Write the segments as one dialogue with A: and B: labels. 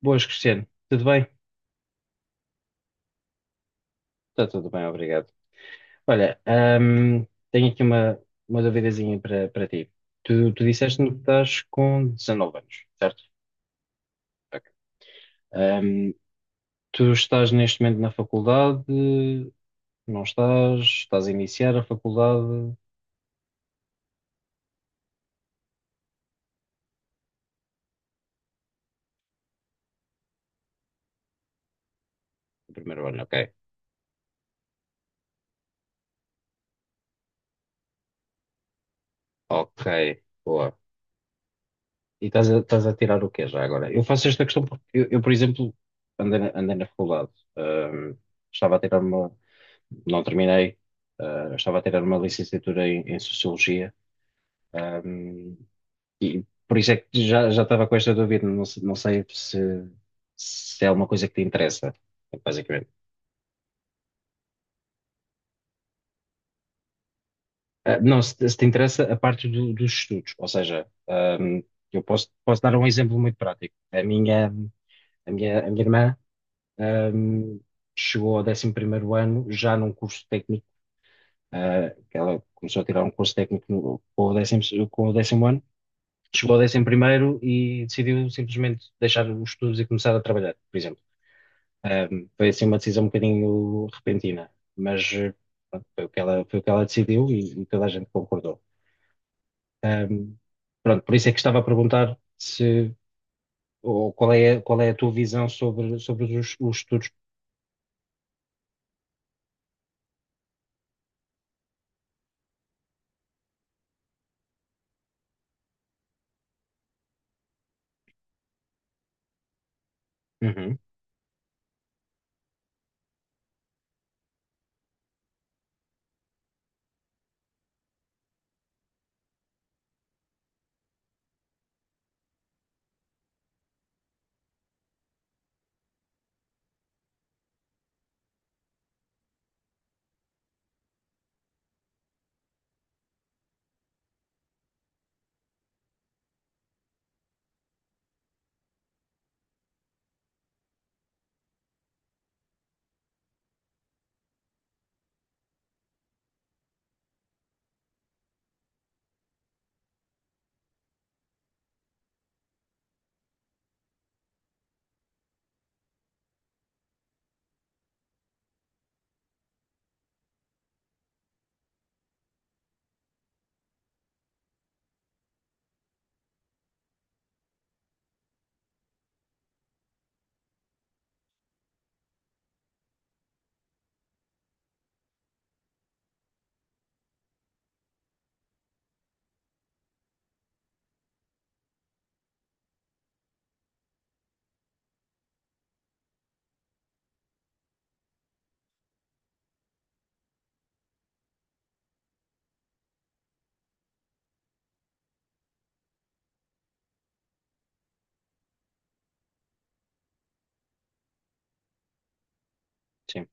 A: Boas, Cristiano. Tudo bem? Está tudo bem, obrigado. Olha, tenho aqui uma duvidazinha para ti. Tu disseste-me que estás com 19 anos, certo? Ok. Ahm, tu estás neste momento na faculdade? Não estás? Estás a iniciar a faculdade? O primeiro ano, ok. Ok, boa. E estás estás a tirar o quê já agora? Eu faço esta questão porque por exemplo, andei na faculdade. Ahm, estava a tirar não terminei. Ah, eu estava a tirar uma licenciatura em Sociologia. Ahm, e por isso é que já estava com esta dúvida. Não, não sei se é uma coisa que te interessa, basicamente. Ah, não, se te interessa a parte dos estudos. Ou seja, eu posso dar um exemplo muito prático. A minha irmã, ahm, chegou ao 11.º ano já num curso técnico. Ah, que ela começou a tirar um curso técnico com o 10.º ano chegou a 11 primeiro e decidiu simplesmente deixar os estudos e começar a trabalhar, por exemplo. Foi assim uma decisão um bocadinho repentina, mas pronto, foi o que ela decidiu e toda a gente concordou. Ahm, pronto, por isso é que estava a perguntar se, ou qual é a tua visão sobre os estudos. Uhum, sim,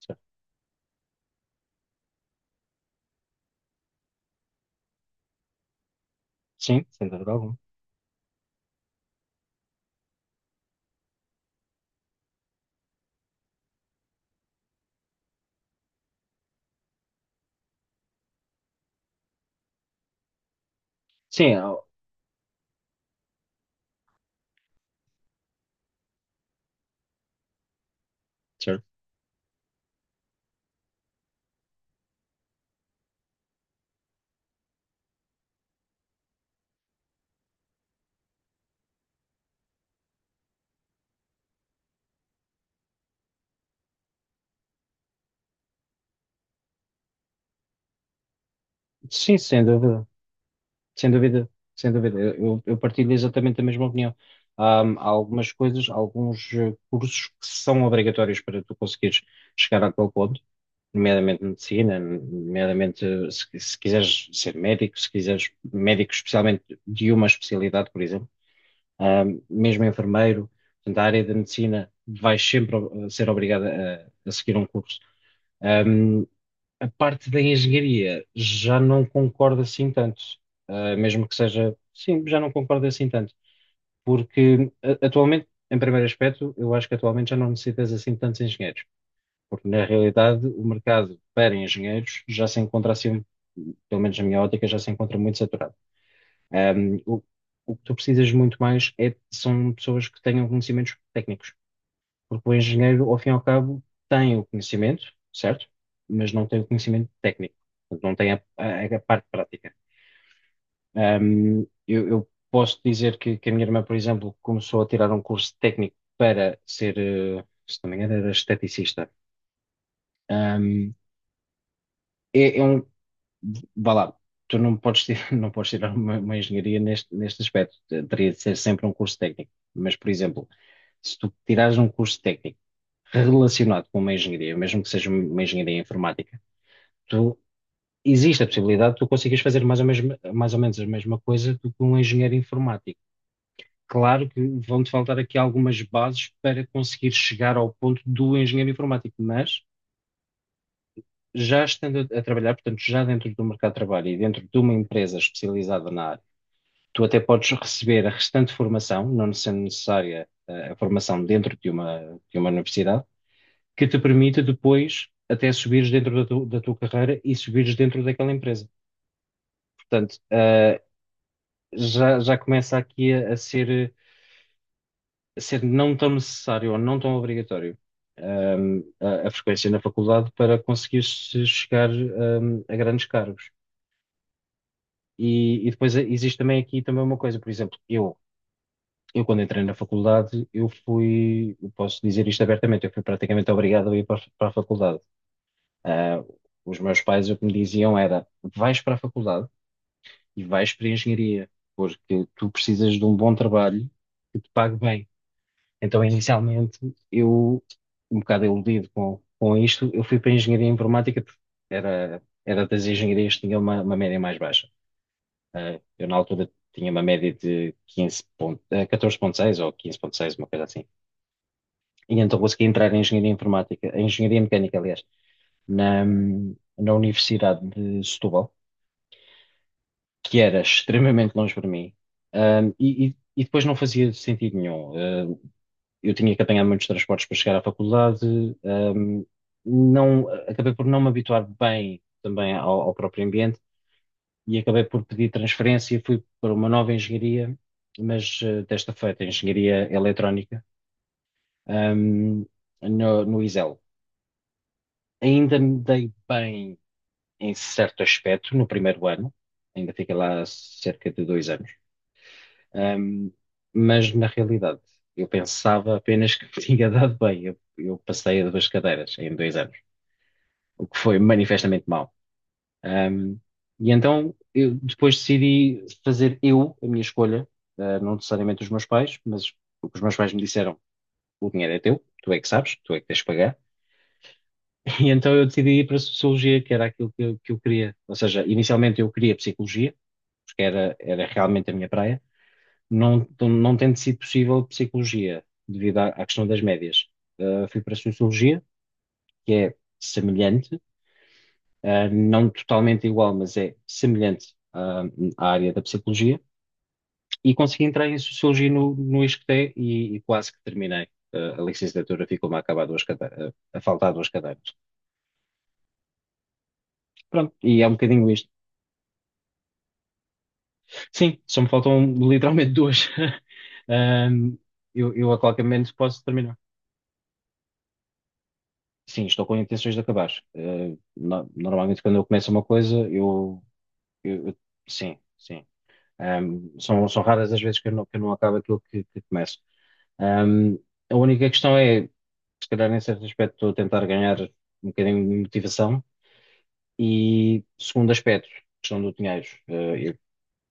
A: certo. Sim, sem dúvida alguma. Sim, ah, certo. Sim, sem dúvida. Sem dúvida, sem dúvida. Eu partilho exatamente a mesma opinião. Há algumas coisas, alguns cursos que são obrigatórios para tu conseguires chegar àquele ponto, nomeadamente medicina, nomeadamente se quiseres ser médico, se quiseres médico especialmente de uma especialidade, por exemplo, mesmo enfermeiro, portanto, a área da medicina vais sempre ser obrigada a seguir um curso. Hum, a parte da engenharia já não concordo assim tanto. Ah, mesmo que seja, sim, já não concordo assim tanto, porque atualmente, em primeiro aspecto, eu acho que atualmente já não necessitas assim de tantos engenheiros, porque na realidade o mercado para engenheiros já se encontra assim, pelo menos na minha ótica, já se encontra muito saturado. Ah, o, o que tu precisas muito mais é, são pessoas que tenham conhecimentos técnicos. Porque o engenheiro, ao fim e ao cabo, tem o conhecimento, certo? Mas não tem o conhecimento técnico. Portanto, não tem a parte prática. Eu posso dizer que a minha irmã, por exemplo, começou a tirar um curso técnico para ser, se não me engano, era esteticista. Ahm, é, é um, vá lá, tu não podes, não podes tirar uma engenharia neste, neste aspecto, teria de ser sempre um curso técnico. Mas, por exemplo, se tu tirares um curso técnico, relacionado com uma engenharia, mesmo que seja uma engenharia informática, tu, existe a possibilidade de tu conseguires fazer mais ou, mesmo, mais ou menos a mesma coisa do que um engenheiro informático. Claro que vão-te faltar aqui algumas bases para conseguir chegar ao ponto do engenheiro informático, mas já estando a trabalhar, portanto, já dentro do mercado de trabalho e dentro de uma empresa especializada na área, tu até podes receber a restante formação, não sendo necessária a formação dentro de uma universidade que te permita depois até subires dentro da, da tua carreira e subires dentro daquela empresa. Portanto, ah, já começa aqui a ser não tão necessário ou não tão obrigatório. A frequência na faculdade para conseguir chegar, a grandes cargos. E depois existe também aqui também uma coisa, por exemplo, eu quando entrei na faculdade, eu fui, eu posso dizer isto abertamente, eu fui praticamente obrigado a ir para, para a faculdade. Ah, os meus pais o que me diziam era: vais para a faculdade e vais para a engenharia, porque tu precisas de um bom trabalho que te pague bem. Então, inicialmente, eu, um bocado iludido com isto, eu fui para a engenharia informática, porque era das engenharias que tinha uma média mais baixa. Ah, eu, na altura, tinha uma média de 15 ponto, 14,6 ou 15,6, uma coisa assim. E então consegui entrar em engenharia informática, em engenharia mecânica, aliás, na, na Universidade de Setúbal, que era extremamente longe para mim, e depois não fazia sentido nenhum. Eu tinha que apanhar muitos transportes para chegar à faculdade, não, acabei por não me habituar bem também ao próprio ambiente e acabei por pedir transferência, fui para uma nova engenharia, mas desta feita, engenharia eletrónica, ahm, no ISEL. Ainda me dei bem em certo aspecto no primeiro ano, ainda fiquei lá cerca de 2 anos. Ahm, mas na realidade, eu pensava apenas que tinha dado bem. Eu passei a duas cadeiras em 2 anos, o que foi manifestamente mau. Ahm, e então eu depois decidi fazer eu a minha escolha, ah, não necessariamente os meus pais, mas o que os meus pais me disseram, o dinheiro é teu, tu é que sabes, tu é que tens de pagar. E então eu decidi ir para a Sociologia, que era aquilo que eu queria. Ou seja, inicialmente eu queria Psicologia, porque era realmente a minha praia. Não, não tendo sido possível psicologia, devido à questão das médias. Fui para a sociologia, que é semelhante, não totalmente igual, mas é semelhante, à área da psicologia, e consegui entrar em sociologia no ISCTE e quase que terminei. A licenciatura ficou-me a acabar duas cadeiras, a faltar duas cadeiras. Pronto, e é um bocadinho isto. Sim, só me faltam literalmente duas. Um, eu a qualquer momento posso terminar. Sim, estou com intenções de acabar. Normalmente, quando eu começo uma coisa, eu, eu- eu- sim, sim. São raras as vezes que eu não acabo aquilo que começo. Ahm, a única questão é, se calhar, em certo aspecto, estou a tentar ganhar um bocadinho de motivação. E, segundo aspecto, questão do dinheiro. Eh, eu-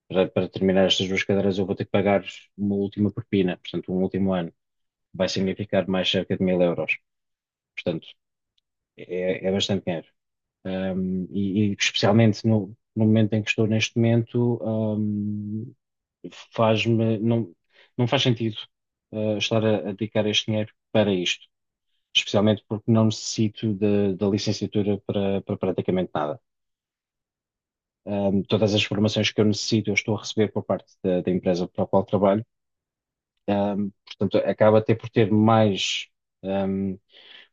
A: para, para terminar estas duas cadeiras, eu vou ter que pagar uma última propina, portanto, um último ano. Vai significar mais cerca de mil euros. Portanto, é, é bastante dinheiro. Um, e especialmente no momento em que estou neste momento, um, faz-me, não, não faz sentido, estar a dedicar este dinheiro para isto, especialmente porque não necessito da licenciatura para, para praticamente nada. Um, todas as formações que eu necessito, eu estou a receber por parte da, da empresa para a qual trabalho. Um, portanto, acaba até por ter mais,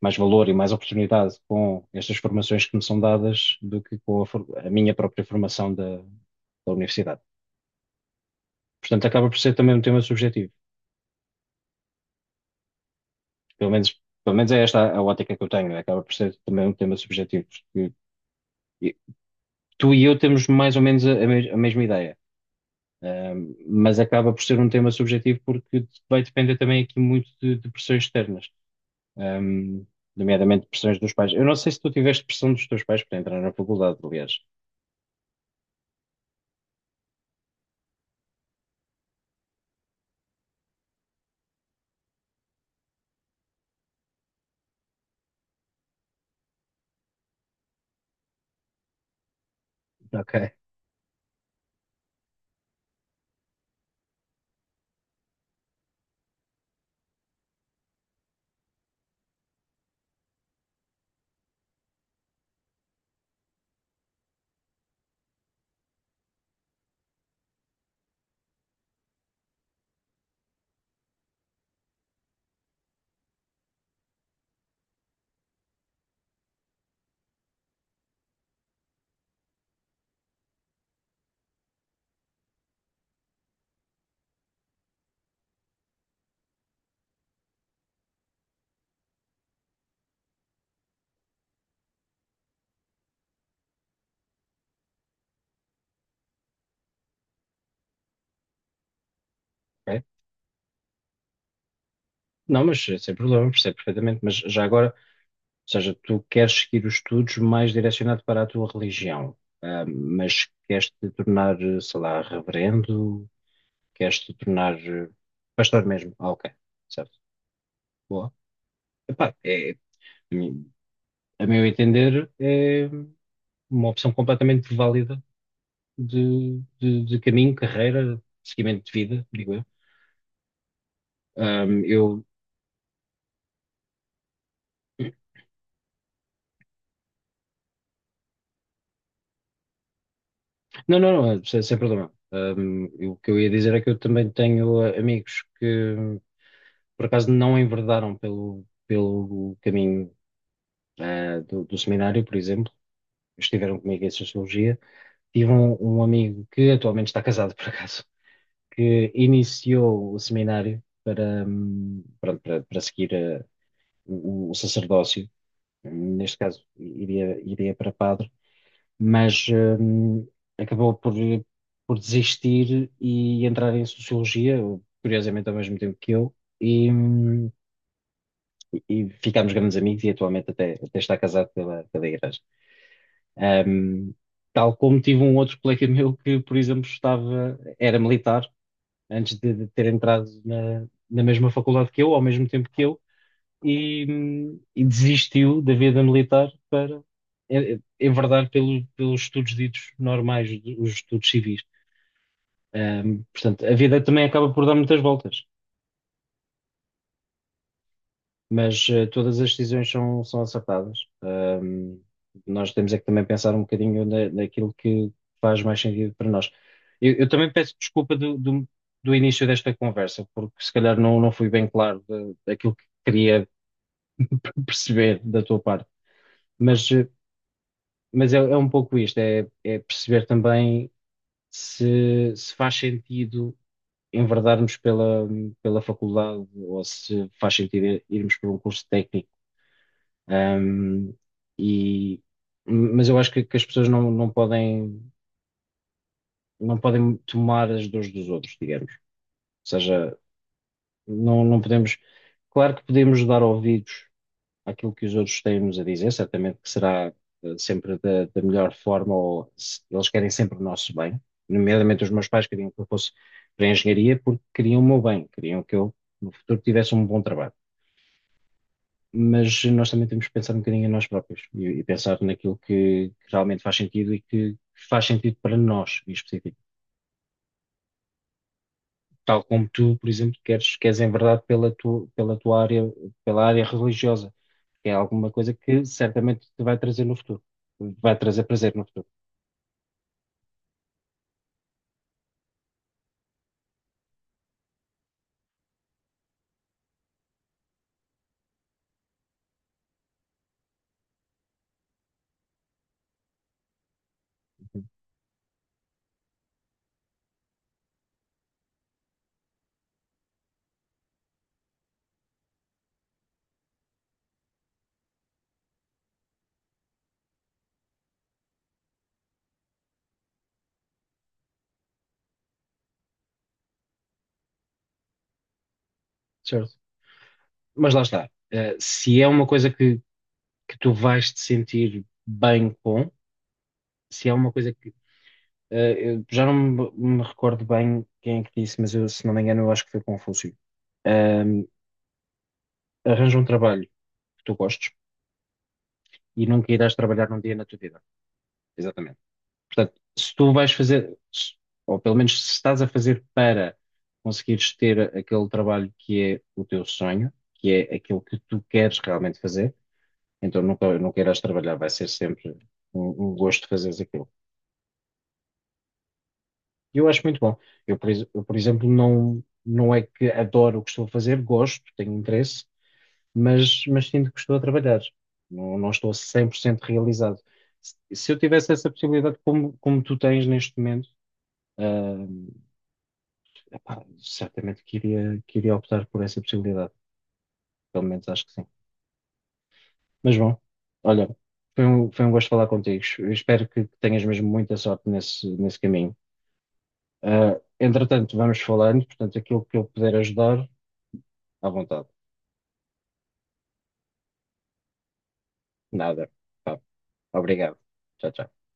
A: mais valor e mais oportunidade com estas formações que me são dadas do que com a minha própria formação da universidade. Portanto, acaba por ser também um tema subjetivo. Pelo menos, pelo menos é esta a ótica que eu tenho. Acaba por ser também um tema subjetivo, porque e- tu e eu temos mais ou menos a mesma ideia. Mas acaba por ser um tema subjetivo porque vai depender também aqui muito de pressões externas. Ahm, nomeadamente pressões dos pais. Eu não sei se tu tiveste pressão dos teus pais para entrar na faculdade, aliás. Ok. Ok. Não, mas sem problema, percebo perfeitamente. Mas já agora, ou seja, tu queres seguir os estudos mais direcionado para a tua religião, ah, mas queres te tornar, sei lá, reverendo, queres te tornar pastor mesmo. Ah, ok, certo. Boa. Epá, é, a mim- a meu entender, é uma opção completamente válida de caminho, carreira, seguimento de vida, digo eu. Ah, eu não, não, não, é sem, sem problema. O que eu ia dizer é que eu também tenho ah, amigos que, por acaso, não enverdaram pelo, pelo caminho ah, do seminário, por exemplo. Estiveram comigo em Sociologia. Tive um, um amigo que atualmente está casado, por acaso, que iniciou o seminário para, pronto, para seguir ah, o sacerdócio. Neste caso, iria para padre, mas hum, acabou por desistir e entrar em sociologia, curiosamente ao mesmo tempo que eu, e, hum, e ficámos grandes amigos e atualmente até, até está casado pela, pela igreja. Hum, tal como tive um outro colega meu que, por exemplo, estava, era militar antes de ter entrado na mesma faculdade que eu, ao mesmo tempo que eu, e, e desistiu da vida militar para enverdar pelo, pelos estudos ditos normais, os estudos civis. Portanto, a vida também acaba por dar muitas voltas, mas todas as decisões são, são acertadas. Nós temos é que também pensar um bocadinho naquilo que faz mais sentido para nós. Eu também peço desculpa do início desta conversa, porque se calhar não, não fui bem claro da daquilo que queria perceber da tua parte. Mas mas é, é um pouco isto, é, é perceber também se faz sentido enverdarmos pela, pela faculdade ou se faz sentido irmos por um curso técnico. Ahm, e, mas eu acho que as pessoas não, não podem, não podem tomar as dores dos outros, digamos. Ou seja, não, não podemos. Claro que podemos dar ouvidos àquilo que os outros têm-nos a dizer, certamente que será sempre da melhor forma, ou eles querem sempre o nosso bem, nomeadamente os meus pais queriam que eu fosse para a engenharia porque queriam o meu bem, queriam que eu no futuro tivesse um bom trabalho. Mas nós também temos que pensar um bocadinho em nós próprios e pensar naquilo que realmente faz sentido e que faz sentido para nós em específico. Tal como tu, por exemplo, queres, queres enverdar pela tua área, pela área religiosa. É alguma coisa que certamente te vai trazer no futuro. Vai trazer prazer no futuro. Certo. Mas lá está. Eh, se é uma coisa que tu vais te sentir bem com, se é uma coisa que. Eu já não me, me recordo bem quem é que disse, mas eu, se não me engano, eu acho que foi Confúcio. Ahm, arranja um trabalho que tu gostes e nunca irás trabalhar num dia na tua vida. Exatamente. Portanto, se tu vais fazer, ou pelo menos se estás a fazer para conseguires ter aquele trabalho que é o teu sonho, que é aquilo que tu queres realmente fazer, então nunca, nunca irás trabalhar, vai ser sempre um, um gosto fazeres aquilo. E eu acho muito bom. Eu, por, eu, por exemplo, não, não é que adoro o que estou a fazer, gosto, tenho interesse, mas sinto que estou a trabalhar. Não, não estou 100% realizado. Se eu tivesse essa possibilidade, como, como tu tens neste momento, ah, epá, certamente que iria optar por essa possibilidade. Pelo menos acho que sim. Mas bom, olha, foi um gosto falar contigo. Eu espero que tenhas mesmo muita sorte nesse, nesse caminho. Ah, entretanto, vamos falando, portanto, aquilo que eu puder ajudar, à vontade. Nada. Pá, obrigado. Tchau, tchau.